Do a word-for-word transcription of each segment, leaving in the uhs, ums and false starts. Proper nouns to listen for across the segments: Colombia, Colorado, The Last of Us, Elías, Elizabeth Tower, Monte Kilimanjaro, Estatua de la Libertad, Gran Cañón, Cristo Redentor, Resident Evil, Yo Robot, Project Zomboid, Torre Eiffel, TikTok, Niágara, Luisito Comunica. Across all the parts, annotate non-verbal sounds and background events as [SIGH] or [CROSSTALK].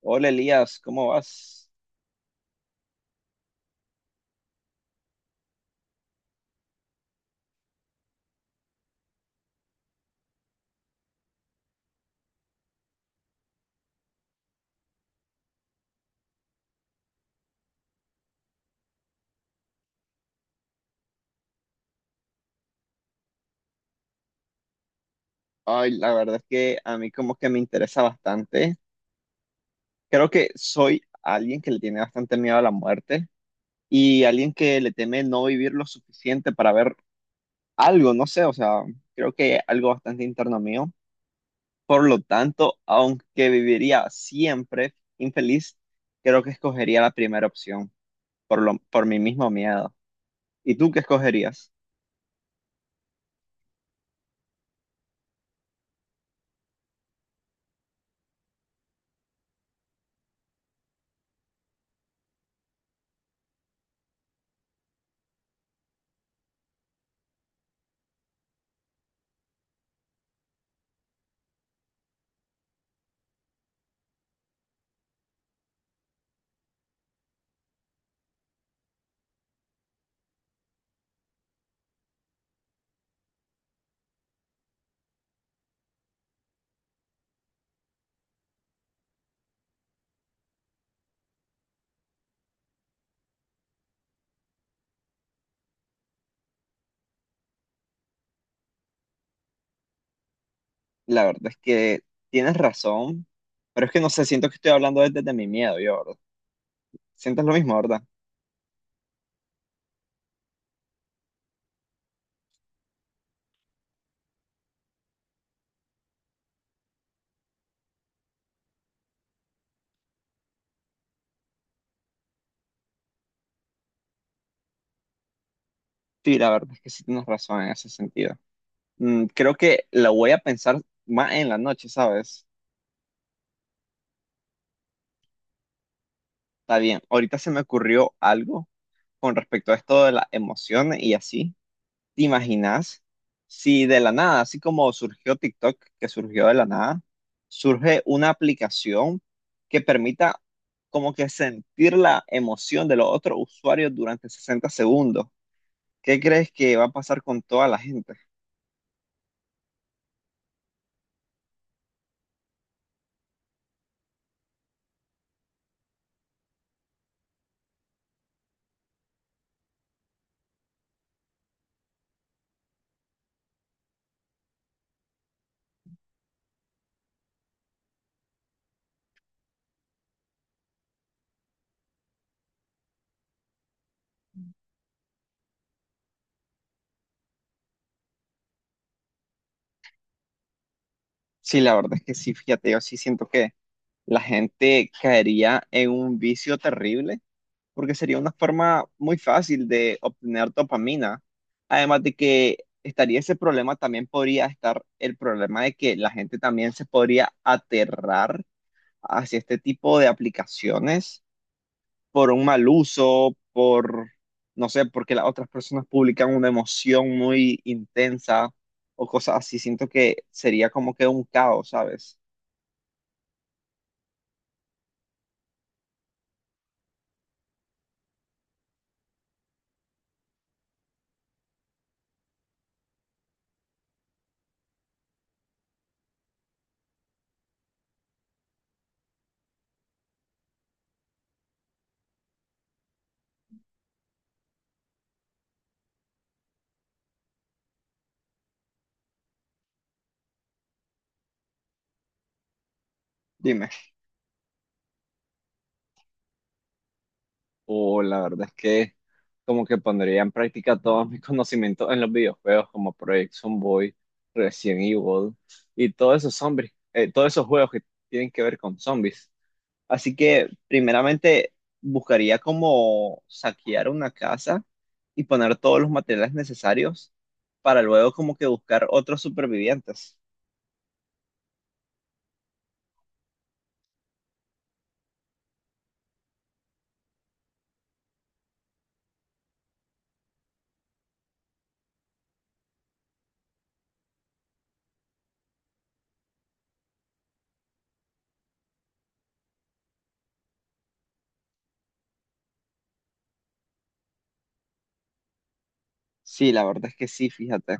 Hola Elías, ¿cómo vas? Ay, la verdad es que a mí como que me interesa bastante. Creo que soy alguien que le tiene bastante miedo a la muerte y alguien que le teme no vivir lo suficiente para ver algo, no sé, o sea, creo que algo bastante interno mío. Por lo tanto, aunque viviría siempre infeliz, creo que escogería la primera opción por lo, por mi mismo miedo. ¿Y tú qué escogerías? La verdad es que tienes razón, pero es que no sé, siento que estoy hablando desde, desde mi miedo, yo, ¿verdad? Sientes lo mismo, ¿verdad? Sí, la verdad es que sí tienes razón en ese sentido. Mm, creo que lo voy a pensar más en la noche, ¿sabes? Está bien. Ahorita se me ocurrió algo con respecto a esto de las emociones y así. ¿Te imaginas si de la nada, así como surgió TikTok, que surgió de la nada, surge una aplicación que permita como que sentir la emoción de los otros usuarios durante sesenta segundos? ¿Qué crees que va a pasar con toda la gente? Sí, la verdad es que sí, fíjate, yo sí siento que la gente caería en un vicio terrible porque sería una forma muy fácil de obtener dopamina. Además de que estaría ese problema, también podría estar el problema de que la gente también se podría aterrar hacia este tipo de aplicaciones por un mal uso, por, no sé, porque las otras personas publican una emoción muy intensa o cosas así. Siento que sería como que un caos, ¿sabes? Dime. O la verdad es que como que pondría en práctica todos mis conocimientos [LAUGHS] en los videojuegos como Project Zomboid, Resident Evil y todos esos zombies, eh, todos esos juegos que tienen que ver con zombies. Así que primeramente buscaría como saquear una casa y poner todos los materiales necesarios para luego como que buscar otros supervivientes. Sí, la verdad es que sí, fíjate.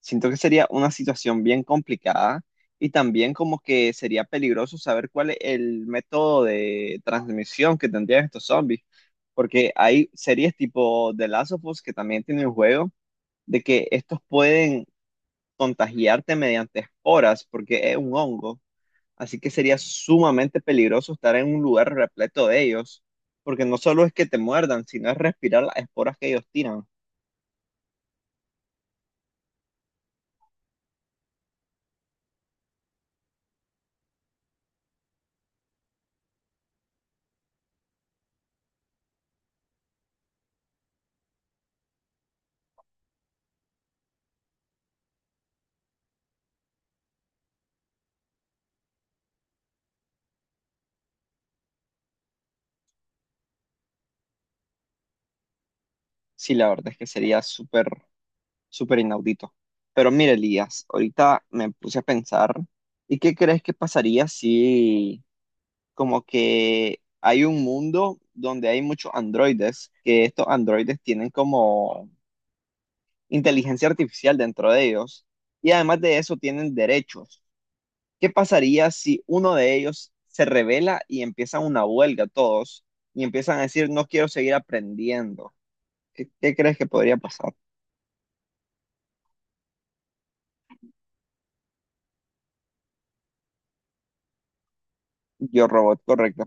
Siento que sería una situación bien complicada y también como que sería peligroso saber cuál es el método de transmisión que tendrían estos zombies, porque hay series tipo The Last of Us que también tienen el juego de que estos pueden contagiarte mediante esporas porque es un hongo, así que sería sumamente peligroso estar en un lugar repleto de ellos, porque no solo es que te muerdan, sino es respirar las esporas que ellos tiran. Sí, la verdad es que sería súper súper inaudito. Pero mire, Elías, ahorita me puse a pensar, ¿y qué crees que pasaría si como que hay un mundo donde hay muchos androides, que estos androides tienen como inteligencia artificial dentro de ellos y además de eso tienen derechos? ¿Qué pasaría si uno de ellos se revela y empiezan una huelga todos y empiezan a decir, no quiero seguir aprendiendo? ¿Qué, qué crees que podría pasar? Yo, robot, correcto.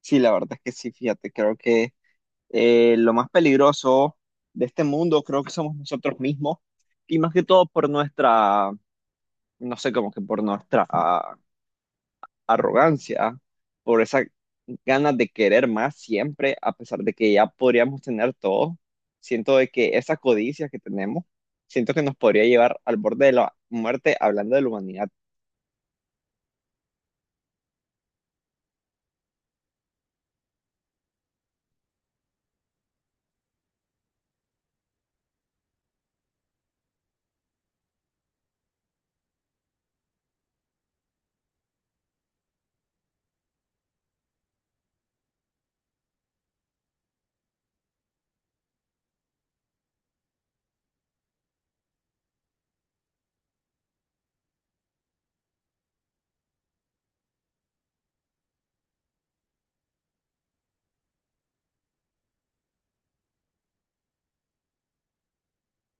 Sí, la verdad es que sí, fíjate, creo que eh, lo más peligroso de este mundo creo que somos nosotros mismos y más que todo por nuestra, no sé, como que por nuestra ah, arrogancia, por esa ganas de querer más siempre, a pesar de que ya podríamos tener todo. Siento de que esa codicia que tenemos, siento que nos podría llevar al borde de la muerte hablando de la humanidad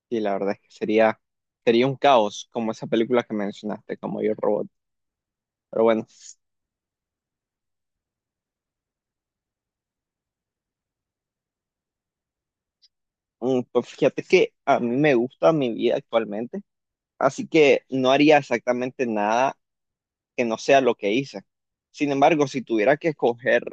y la verdad es que sería, sería un caos como esa película que mencionaste, como Yo Robot. Pero bueno. Mm, Pues fíjate que a mí me gusta mi vida actualmente, así que no haría exactamente nada que no sea lo que hice. Sin embargo, si tuviera que escoger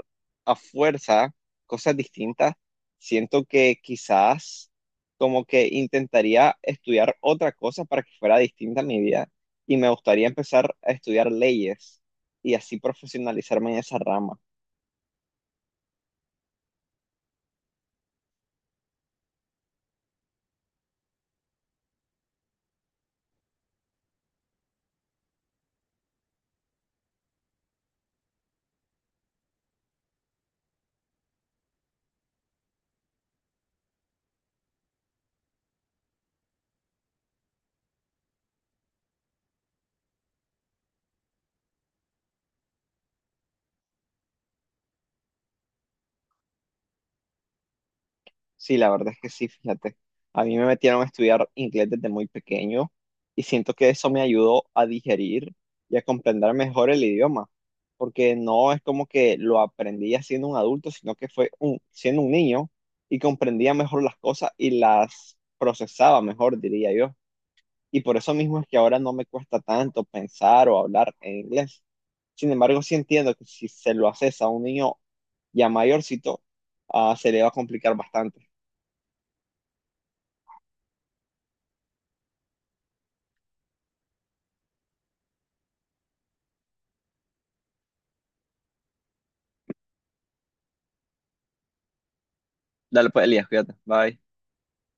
a fuerza cosas distintas, siento que quizás como que intentaría estudiar otra cosa para que fuera distinta a mi vida y me gustaría empezar a estudiar leyes y así profesionalizarme en esa rama. Sí, la verdad es que sí, fíjate. A mí me metieron a estudiar inglés desde muy pequeño y siento que eso me ayudó a digerir y a comprender mejor el idioma, porque no es como que lo aprendí ya siendo un adulto, sino que fue un, siendo un niño y comprendía mejor las cosas y las procesaba mejor, diría yo. Y por eso mismo es que ahora no me cuesta tanto pensar o hablar en inglés. Sin embargo, sí entiendo que si se lo haces a un niño ya mayorcito, ah, se le va a complicar bastante. Dale pues, Elías, cuídate. Bye.